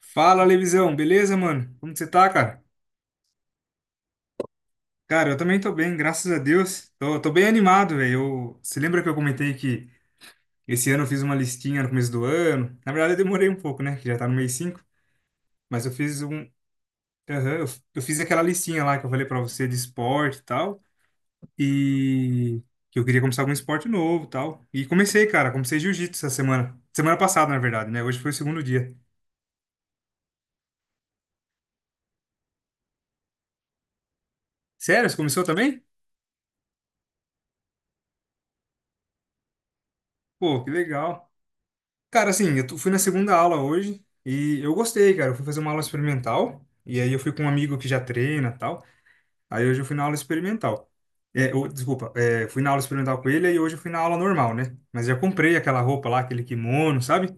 Fala, Levisão, beleza, mano? Como que você tá, cara? Cara, eu também tô bem, graças a Deus. Tô bem animado, velho. Você lembra que eu comentei que esse ano eu fiz uma listinha no começo do ano? Na verdade, eu demorei um pouco, né? Que já tá no mês 5, mas eu fiz um. Aham, eu fiz aquela listinha lá que eu falei pra você de esporte e tal. E que eu queria começar algum esporte novo e tal. E comecei, cara, comecei jiu-jitsu essa semana. Semana passada, na verdade, né? Hoje foi o segundo dia. Sério? Você começou também? Pô, que legal. Cara, assim, fui na segunda aula hoje e eu gostei, cara. Eu fui fazer uma aula experimental e aí eu fui com um amigo que já treina e tal. Aí hoje eu fui na aula experimental. Ô, desculpa, fui na aula experimental com ele e hoje eu fui na aula normal, né? Mas já comprei aquela roupa lá, aquele kimono, sabe?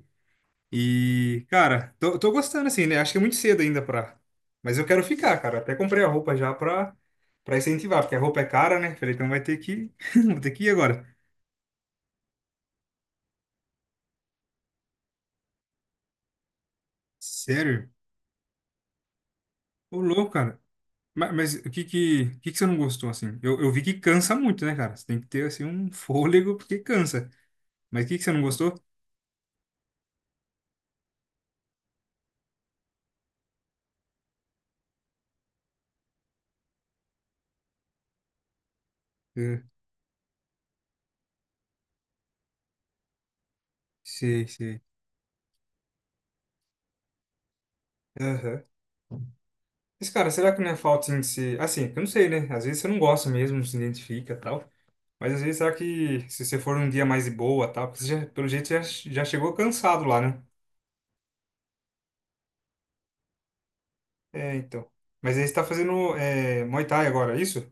E, cara, tô gostando assim, né? Acho que é muito cedo ainda pra. Mas eu quero ficar, cara. Até comprei a roupa já pra incentivar, porque a roupa é cara, né? Falei, então vai ter que. Vou ter que ir agora. Sério? Ô, louco, cara. Mas, o que que você não gostou, assim? Eu vi que cansa muito, né, cara? Você tem que ter, assim, um fôlego porque cansa. Mas o que que você não gostou? Eh, Sei, sei. Aham. Mas, cara, será que não é falta, assim, de ser... Assim, eu não sei, né? Às vezes você não gosta mesmo, não se identifica e tal. Mas, às vezes, será que se você for um dia mais de boa tal... Porque você já, pelo jeito, já chegou cansado lá, né? É, então. Mas aí você tá fazendo Muay Thai agora, é isso?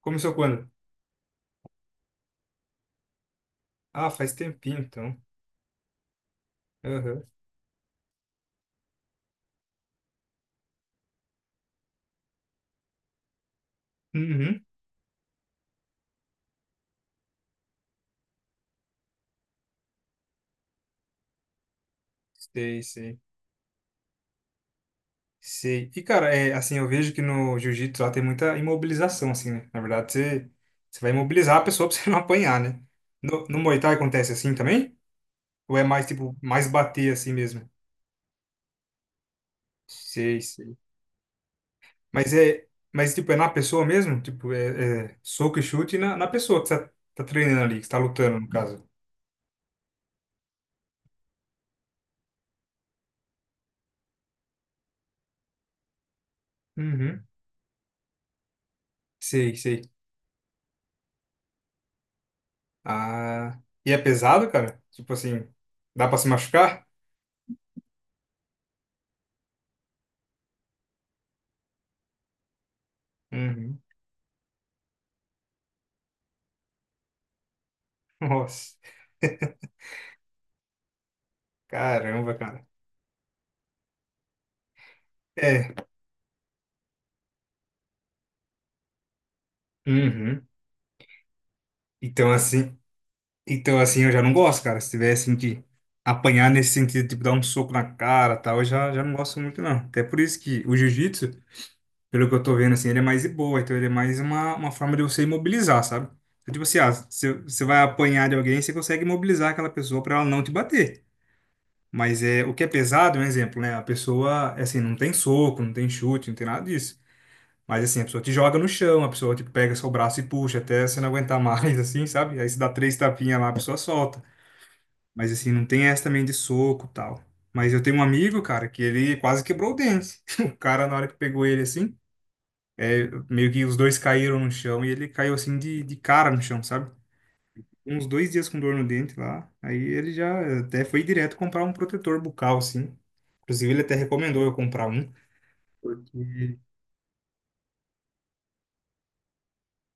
Começou quando? Ah, faz tempinho, então. Aham. Uhum. Sei, sei. Sei. E, cara, é, assim, eu vejo que no jiu-jitsu lá tem muita imobilização, assim, né? Na verdade, você vai imobilizar a pessoa pra você não apanhar, né? No Muay Thai acontece assim também? Ou é mais, tipo, mais bater assim mesmo? Sei, sei. Mas é, mas, tipo, é na pessoa mesmo? Tipo, é soco e chute na pessoa que você tá treinando ali, que você tá lutando, no caso. Uhum. Sei, sei. Ah, e é pesado, cara? Tipo assim, dá pra se machucar? Uhum. Nossa, caramba, cara. É. Uhum. Então assim, então assim eu já não gosto, cara. Se tivesse que apanhar nesse sentido, tipo dar um soco na cara, tal, eu já não gosto muito não. Até por isso que o jiu-jitsu, pelo que eu tô vendo assim, ele é mais de boa, então ele é mais uma forma de você imobilizar, sabe? Então, tipo assim, ah, se você vai apanhar de alguém, você consegue imobilizar aquela pessoa pra ela não te bater. Mas é o que é pesado, um exemplo, né? A pessoa, é assim, não tem soco, não tem chute, não tem nada disso. Mas assim, a pessoa te joga no chão, a pessoa tipo, pega seu braço e puxa até você não aguentar mais, assim, sabe? Aí você dá três tapinhas lá, a pessoa solta. Mas assim, não tem essa também de soco e tal. Mas eu tenho um amigo, cara, que ele quase quebrou o dente. O cara, na hora que pegou ele assim, meio que os dois caíram no chão e ele caiu assim de cara no chão, sabe? Uns 2 dias com dor no dente lá. Aí ele já até foi direto comprar um protetor bucal, assim. Inclusive, ele até recomendou eu comprar um. Porque...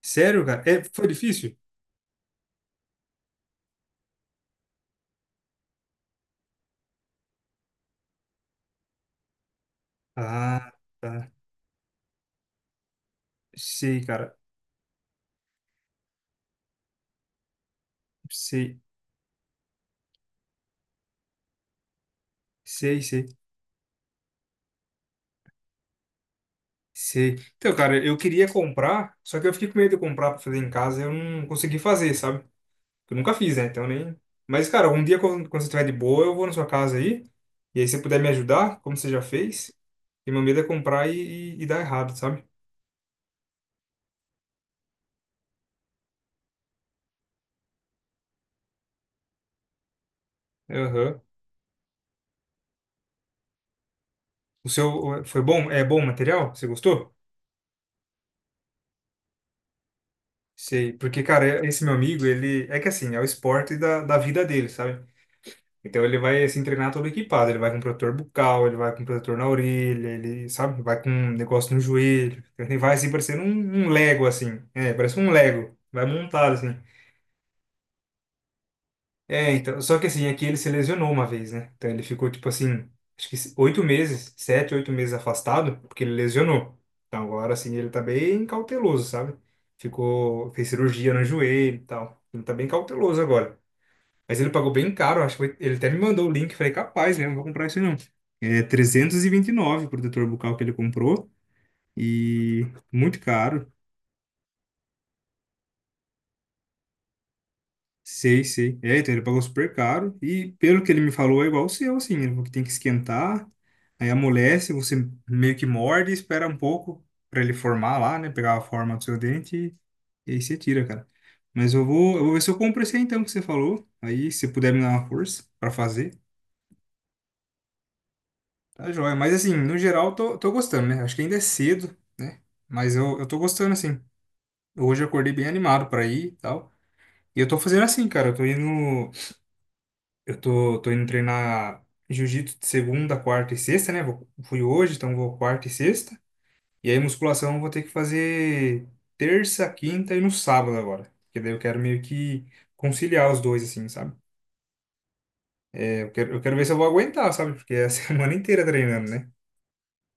Sério, cara? É, foi difícil? Ah. Tá. Sei, cara. Sei, sei, sei, sei. Então, cara, eu queria comprar, só que eu fiquei com medo de comprar pra fazer em casa, e eu não consegui fazer, sabe? Eu nunca fiz, né? Então nem. Mas, cara, um dia quando você estiver de boa, eu vou na sua casa aí, e aí você puder me ajudar, como você já fez. E meu medo é comprar e dar errado, sabe? Aham. O seu foi bom? É bom o material? Você gostou? Sei. Porque, cara, esse meu amigo, ele. É que assim, é o esporte da vida dele, sabe? Então ele vai assim treinar todo equipado, ele vai com protetor bucal, ele vai com protetor na orelha, ele, sabe, vai com um negócio no joelho, ele vai assim parecendo um Lego assim, é, parece um Lego, vai montado assim. É, então, só que assim, aqui ele se lesionou uma vez, né? Então ele ficou tipo assim, acho que 8 meses, 7, 8 meses afastado, porque ele lesionou. Então agora assim ele tá bem cauteloso, sabe? Ficou, fez cirurgia no joelho e tal. Ele tá bem cauteloso agora. Mas ele pagou bem caro, acho que ele até me mandou o link. Falei, capaz, né? Não vou comprar isso não. É trezentos e vinte e nove o protetor bucal que ele comprou e muito caro. Sei, sei. É, então ele pagou super caro e pelo que ele me falou é igual o seu, assim. Ele falou que tem que esquentar, aí amolece, você meio que morde, espera um pouco para ele formar lá, né? Pegar a forma do seu dente e aí você tira, cara. Mas eu vou ver se eu compro esse aí então que você falou. Aí, se puder me dar uma força para fazer. Tá joia. Mas assim, no geral, tô gostando, né? Acho que ainda é cedo, né? Mas eu tô gostando, assim. Hoje eu acordei bem animado pra ir e tal. E eu tô fazendo assim, cara. Eu tô indo. Eu tô indo treinar jiu-jitsu de segunda, quarta e sexta, né? Fui hoje, então vou quarta e sexta. E aí, musculação eu vou ter que fazer terça, quinta e no sábado agora. Porque daí eu quero meio que conciliar os dois, assim, sabe? É, eu quero ver se eu vou aguentar, sabe? Porque é a semana inteira treinando, né?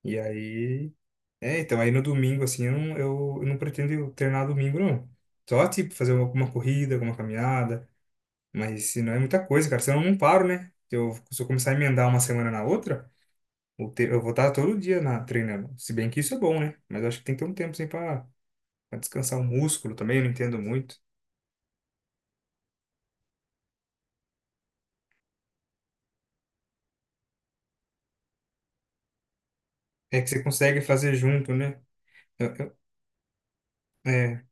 E aí. É, então, aí no domingo, assim, eu não pretendo treinar domingo, não. Só, tipo, fazer uma corrida, alguma caminhada. Mas se não é muita coisa, cara. Senão eu não paro, né? Se eu começar a emendar uma semana na outra, eu vou estar todo dia treinando. Se bem que isso é bom, né? Mas eu acho que tem que ter um tempo, assim, pra descansar o músculo também. Eu não entendo muito. É que você consegue fazer junto, né? Eu- eu- é,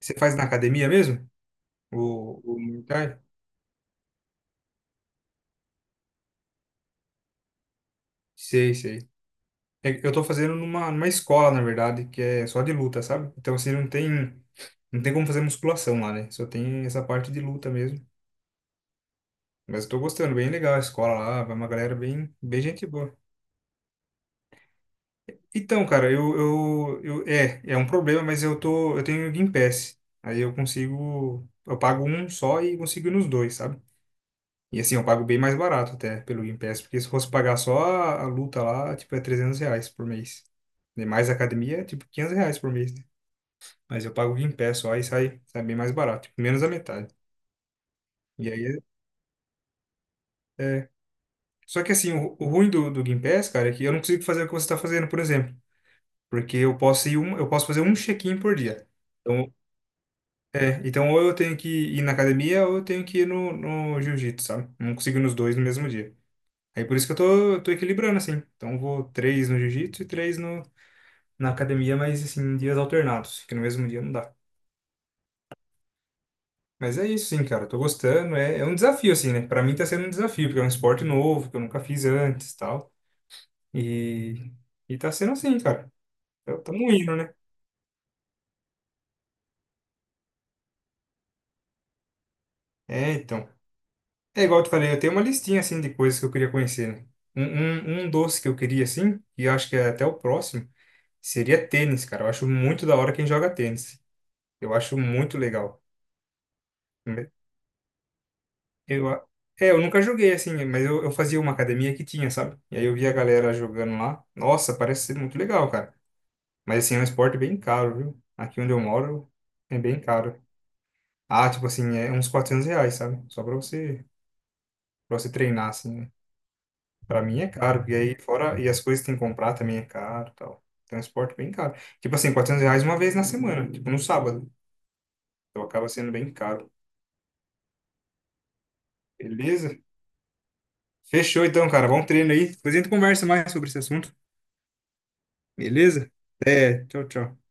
você faz na academia mesmo? O Muay Thai? Sei, sei. Eu tô fazendo numa escola, na verdade, que é só de luta, sabe? Então, assim, não tem como fazer musculação lá, né? Só tem essa parte de luta mesmo. Mas eu tô gostando, bem legal a escola lá, vai uma galera bem gente boa. Então, cara, é um problema, mas eu tenho Game Pass. Aí eu consigo, eu pago um só e consigo ir nos dois, sabe? E assim, eu pago bem mais barato até pelo Game Pass, porque se fosse pagar só a luta lá, tipo, é R$ 300 por mês. E mais a academia, é, tipo, R$ 500 por mês, né? Mas eu pago em pé só, aí sai bem mais barato, tipo, menos da metade. E aí, é. é, só que assim, o ruim do Game Pass, cara, é que eu não consigo fazer o que você está fazendo, por exemplo. Porque eu posso fazer um check-in por dia. Então, ou eu tenho que ir na academia ou eu tenho que ir no jiu-jitsu, sabe? Não consigo ir nos dois no mesmo dia. Aí por isso que eu tô equilibrando, assim. Então eu vou três no jiu-jitsu e três no, na academia, mas assim, em dias alternados, que no mesmo dia não dá. Mas é isso, sim, cara. Tô gostando. É um desafio, assim, né? Pra mim tá sendo um desafio, porque é um esporte novo, que eu nunca fiz antes e tal. E, e tá sendo assim, cara. Então, Tamo indo, né? É, então. É igual eu te falei, eu tenho uma listinha, assim, de coisas que eu queria conhecer, né? Um doce que eu queria, assim, e eu acho que é até o próximo, seria tênis, cara. Eu acho muito da hora quem joga tênis. Eu acho muito legal. Eu, a- eu nunca joguei, assim, mas eu fazia uma academia que tinha, sabe? E aí eu via a galera jogando lá. Nossa, parece ser muito legal, cara. Mas assim, é um esporte bem caro, viu? Aqui onde eu moro é bem caro. Ah, tipo assim, é uns R$ 400, sabe? Só pra você treinar, assim, né? Pra mim é caro, e aí fora, e as coisas que tem que comprar também é caro e tal. Então é um esporte bem caro. Tipo assim, R$ 400 uma vez na semana, tipo no sábado. Então acaba sendo bem caro. Beleza? Fechou então, cara. Bom treino aí. Depois a gente conversa mais sobre esse assunto. Beleza? É, tchau, tchau.